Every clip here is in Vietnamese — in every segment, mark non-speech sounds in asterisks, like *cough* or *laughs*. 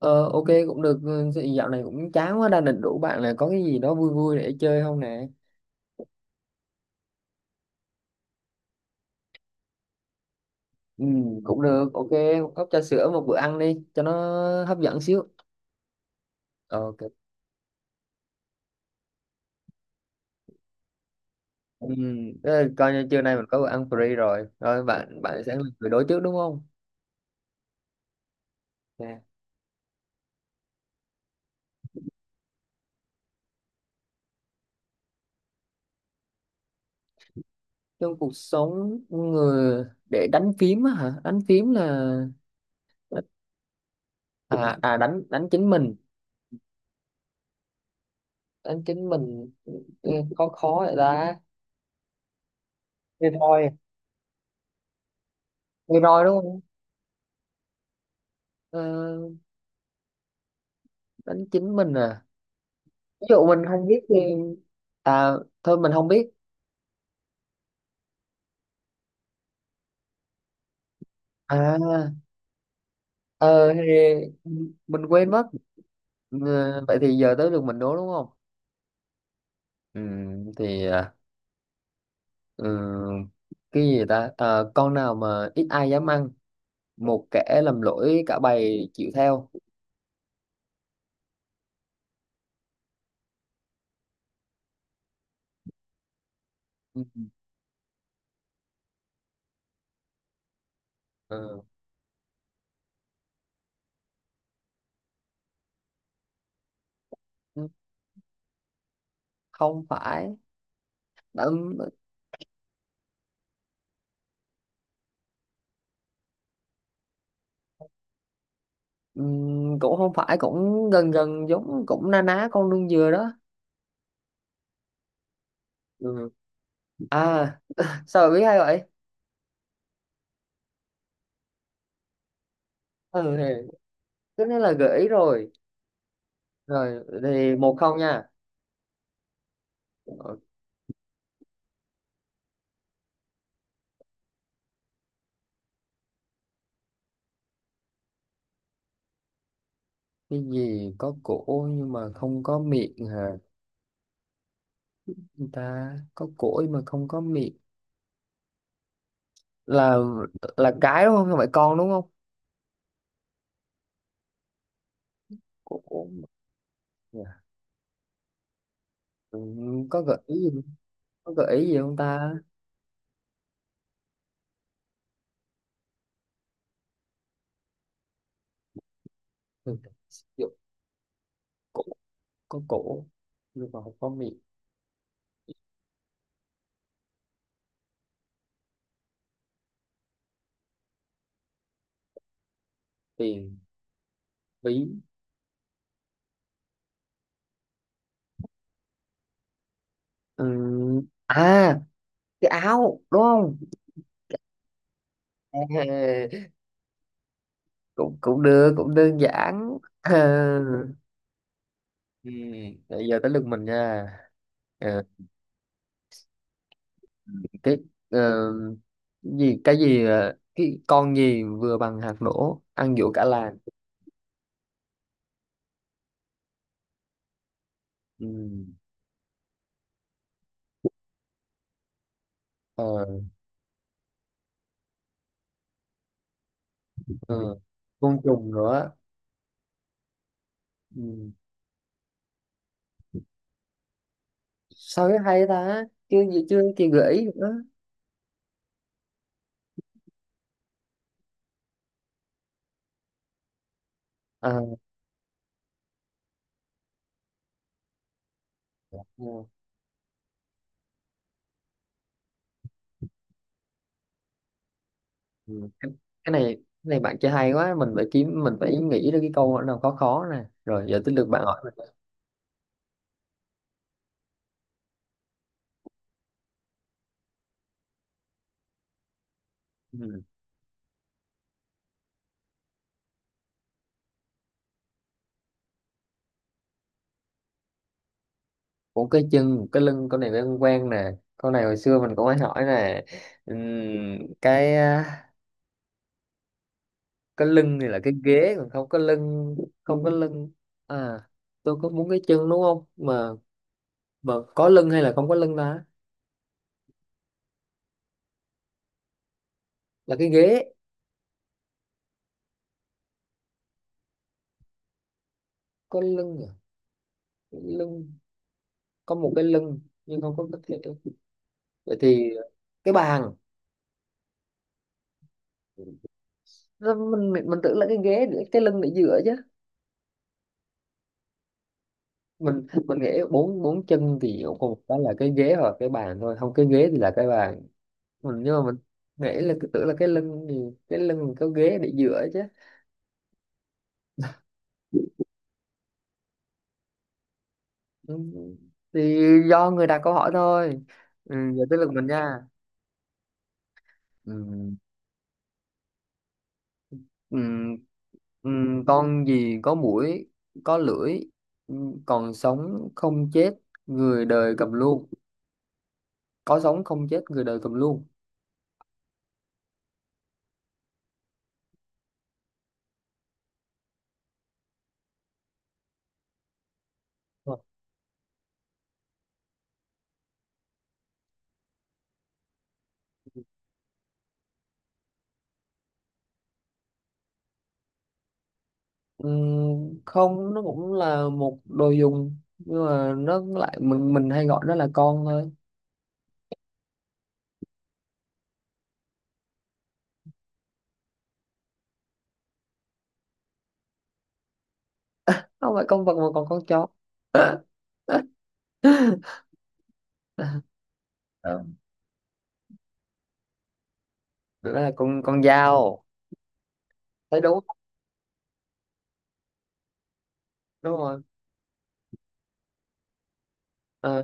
Ờ, ok cũng được, ừ, dạo này cũng chán quá, đang định rủ bạn là có cái gì đó vui vui để chơi không nè. Ừ, cũng được, ok, một cốc trà sữa một bữa ăn đi cho nó hấp dẫn xíu. Ờ, ok. Ừ, thế là coi như trưa nay mình có bữa ăn free rồi, rồi bạn bạn sẽ là người đối trước đúng không? Dạ. Trong cuộc sống người để đánh phím á, hả, đánh phím là, à, à, đánh đánh chính mình, đánh chính mình. Ừ, khó khó vậy ta? Thì thôi. Thì rồi đúng không? Ờ, đánh chính mình à? Ví dụ mình không biết thì, à thôi mình không biết, à, ờ thì mình quên mất. Ờ, vậy thì giờ tới lượt mình đố đúng không? ừ, thì à, ừ, cái gì ta? Ờ, con nào mà ít ai dám ăn, một kẻ làm lỗi cả bầy chịu theo. Ừ. Ờ. Không phải. Đã. Ừ, cũng không phải, cũng gần gần giống, cũng na ná con đương dừa đó. Ừ. À, sao mà biết hay vậy? Ừ, thì cái đó là gợi ý rồi. Rồi, thì một không nha. Ờ. Cái gì có cổ nhưng mà không có miệng hả? Người ta có cổ nhưng mà không có miệng. Là là cái đúng không? Không phải con đúng không? Cổ mà- ừ, có gợi ý gì, có gợi ý gì không ta? Ừ, dụ cổ, có cổ nhưng mà không có miệng. Tiền, ví. Ừ. À, cái áo đúng không? Ê, cũng cũng được, cũng đơn giản. *laughs* Ừ. Bây giờ tới lượt mình nha. Ừ. cái ờ, gì cái gì ờ, cái Con gì vừa bằng hạt nổ ăn giỗ cả làng? Ừ. Ờ. Ờ. Côn trùng nữa. Ừ. Sao cái hay ta, chưa gì chưa chị gợi ý nữa. Ờ. Ờ. Ừ. cái cái này bạn chơi hay quá, mình phải kiếm, mình phải nghĩ ra cái câu nào khó khó nè, rồi giờ tới lượt bạn hỏi mình. Ừ. Một cái chân, một cái lưng, con này quen quen nè, con này hồi xưa mình cũng hay hỏi nè. Ừm, cái cái lưng thì là cái ghế còn không có lưng. Không có lưng, à, tôi có muốn cái chân đúng không, mà mà có lưng hay là không có lưng ta? Là cái ghế. Có lưng à? Cái lưng, có một cái lưng nhưng không có cái thể, vậy thì cái bàn. Nó- mình tưởng là cái ghế để cái lưng để dựa chứ. Mình nghĩ bốn bốn chân thì còn một cái là cái ghế hoặc cái bàn thôi, không cái ghế thì là cái bàn. Mình nhưng mà mình nghĩ là cứ tưởng là cái lưng thì cái lưng có ghế để dựa chứ. Ừ, thì do người đặt câu hỏi thôi. Ừ, giờ tới lượt mình nha. ừ, ừ, ừ, con gì có mũi, có lưỡi, ừ, còn sống không chết, người đời cầm luôn? Có sống không chết, người đời cầm luôn. Ừ, không nó cũng là một đồ dùng nhưng mà nó lại, mình hay gọi nó là con thôi. Không phải con vật mà còn con chó. *laughs* Ừ, đó là con dao. Thấy đúng không? Đúng rồi. Ờ.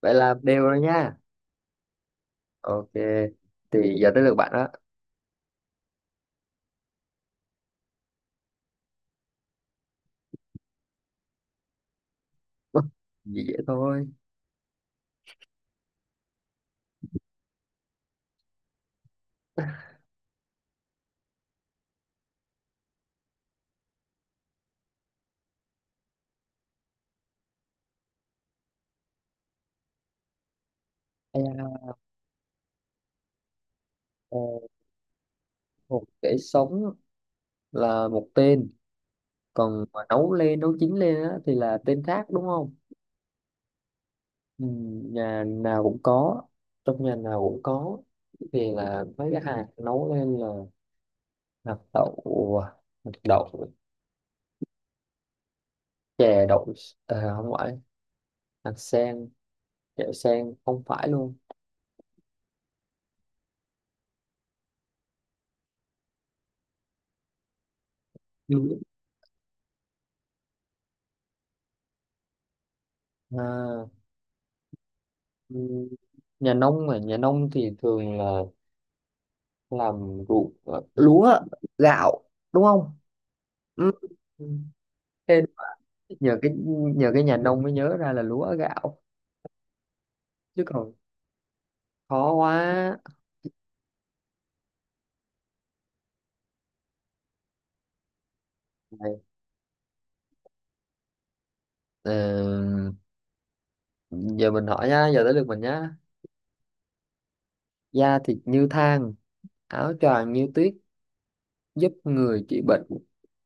Vậy là đều rồi nha. Ok, thì giờ tới lượt bạn đó. *laughs* dễ dễ thôi. Ê, ờ, một để sống là một tên, còn mà nấu lên nấu chín lên á, thì là tên khác đúng không? Ừ, nhà nào cũng có, trong nhà nào cũng có. Thì là mấy cái hạt nấu lên là hạt đậu, hạt đậu, chè đậu. Ờ, không phải hạt sen, chè sen không phải luôn. Ừ. À, ừ, nhà nông, mà nhà nông thì thường là làm ruộng, ờ, lúa, gạo, đúng không? Ừ. Ừ. Thế nhờ cái nhờ cái nhà nông mới nhớ ra là lúa gạo, chứ còn khó quá. Này, ờ, giờ mình hỏi nha, giờ tới lượt mình nhá. Da thịt như than, áo choàng như tuyết, giúp người trị bệnh,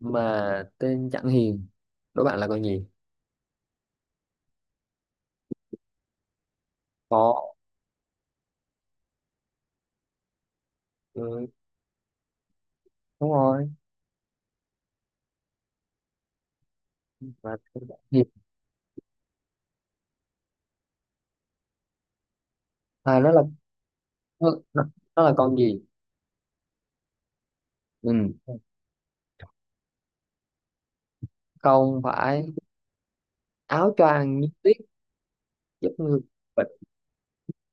mà tên chẳng hiền, đố bạn là con gì? Có, ừ, đúng rồi, mà tên chẳng hiền. À nó là, nó, nó là con gì. Ừ. Không phải. Áo choàng như tuyết, giúp người bệnh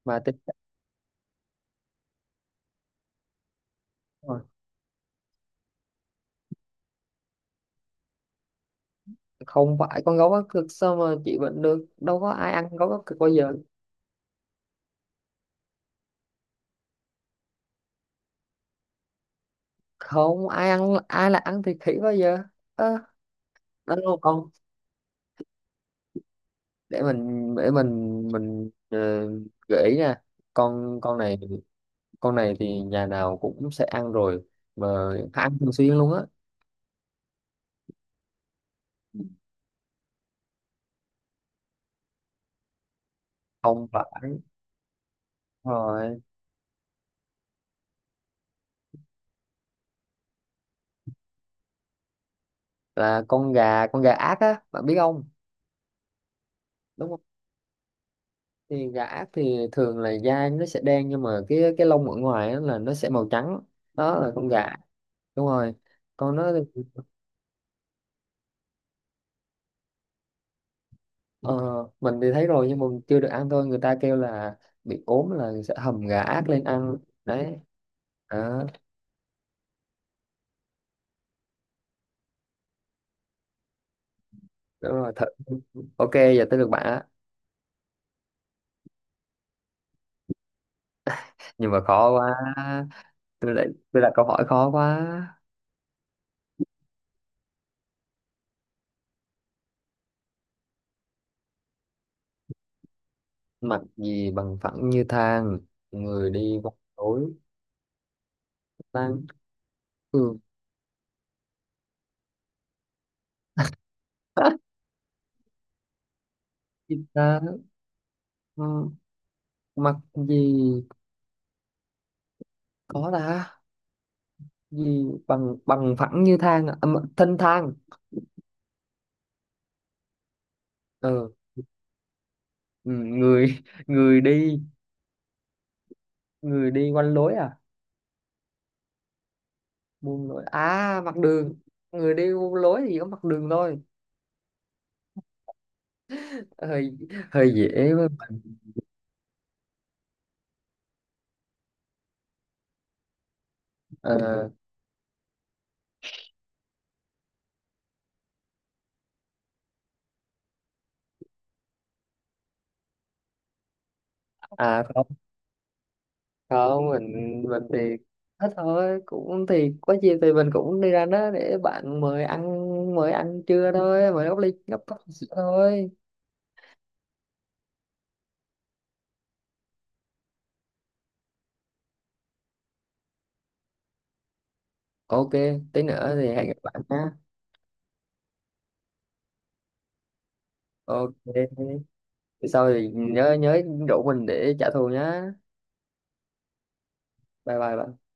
mà tình trạng, mà không phải con gấu quá cực, sao mà chị bệnh được, đâu có ai ăn gấu quá cực bao giờ. Không ai ăn, ai là ăn thịt khỉ bao giờ. Ơ, đó đúng không con. Để mình ờ, gợi ý nè. Con này, con này thì nhà nào cũng sẽ ăn rồi, mà ăn thường xuyên luôn á. Không phải. Rồi, là con gà, con gà ác á bạn biết không? Đúng. Thì gà ác thì thường là da nó sẽ đen nhưng mà cái lông ở ngoài á là nó sẽ màu trắng, đó là con gà ác. Đúng rồi. Con nó. Ờ, mình thì thấy rồi nhưng mà mình chưa được ăn thôi, người ta kêu là bị ốm là sẽ hầm gà ác lên ăn đấy. Đó đúng rồi thật. Ok, giờ tới được bạn á. Nhưng mà khó quá, tôi lại, tôi đặt câu hỏi khó quá. Mặt gì bằng phẳng như than, người đi qua tối tan cường? *laughs* gì ta? Ừ, *laughs* mặt gì có ta, gì bằng bằng phẳng như thang à? À, mà- thân thang. Ờ. Ừ, người, *laughs* người đi, người đi quanh lối à, buông lối à, mặt đường. Người đi buông lối thì có mặt đường thôi. Hơi, hơi dễ với mình. Ờ. À không, không, mình thì hết thôi, cũng thì có gì thì mình cũng đi ra đó để bạn mời ăn, mời ăn trưa thôi, mời góc ly góc cốc sữa thôi. Ok, tí nữa thì hẹn gặp bạn nha. Ok, sau thì nhớ nhớ rủ mình để trả thù nhá. Bye bye bạn.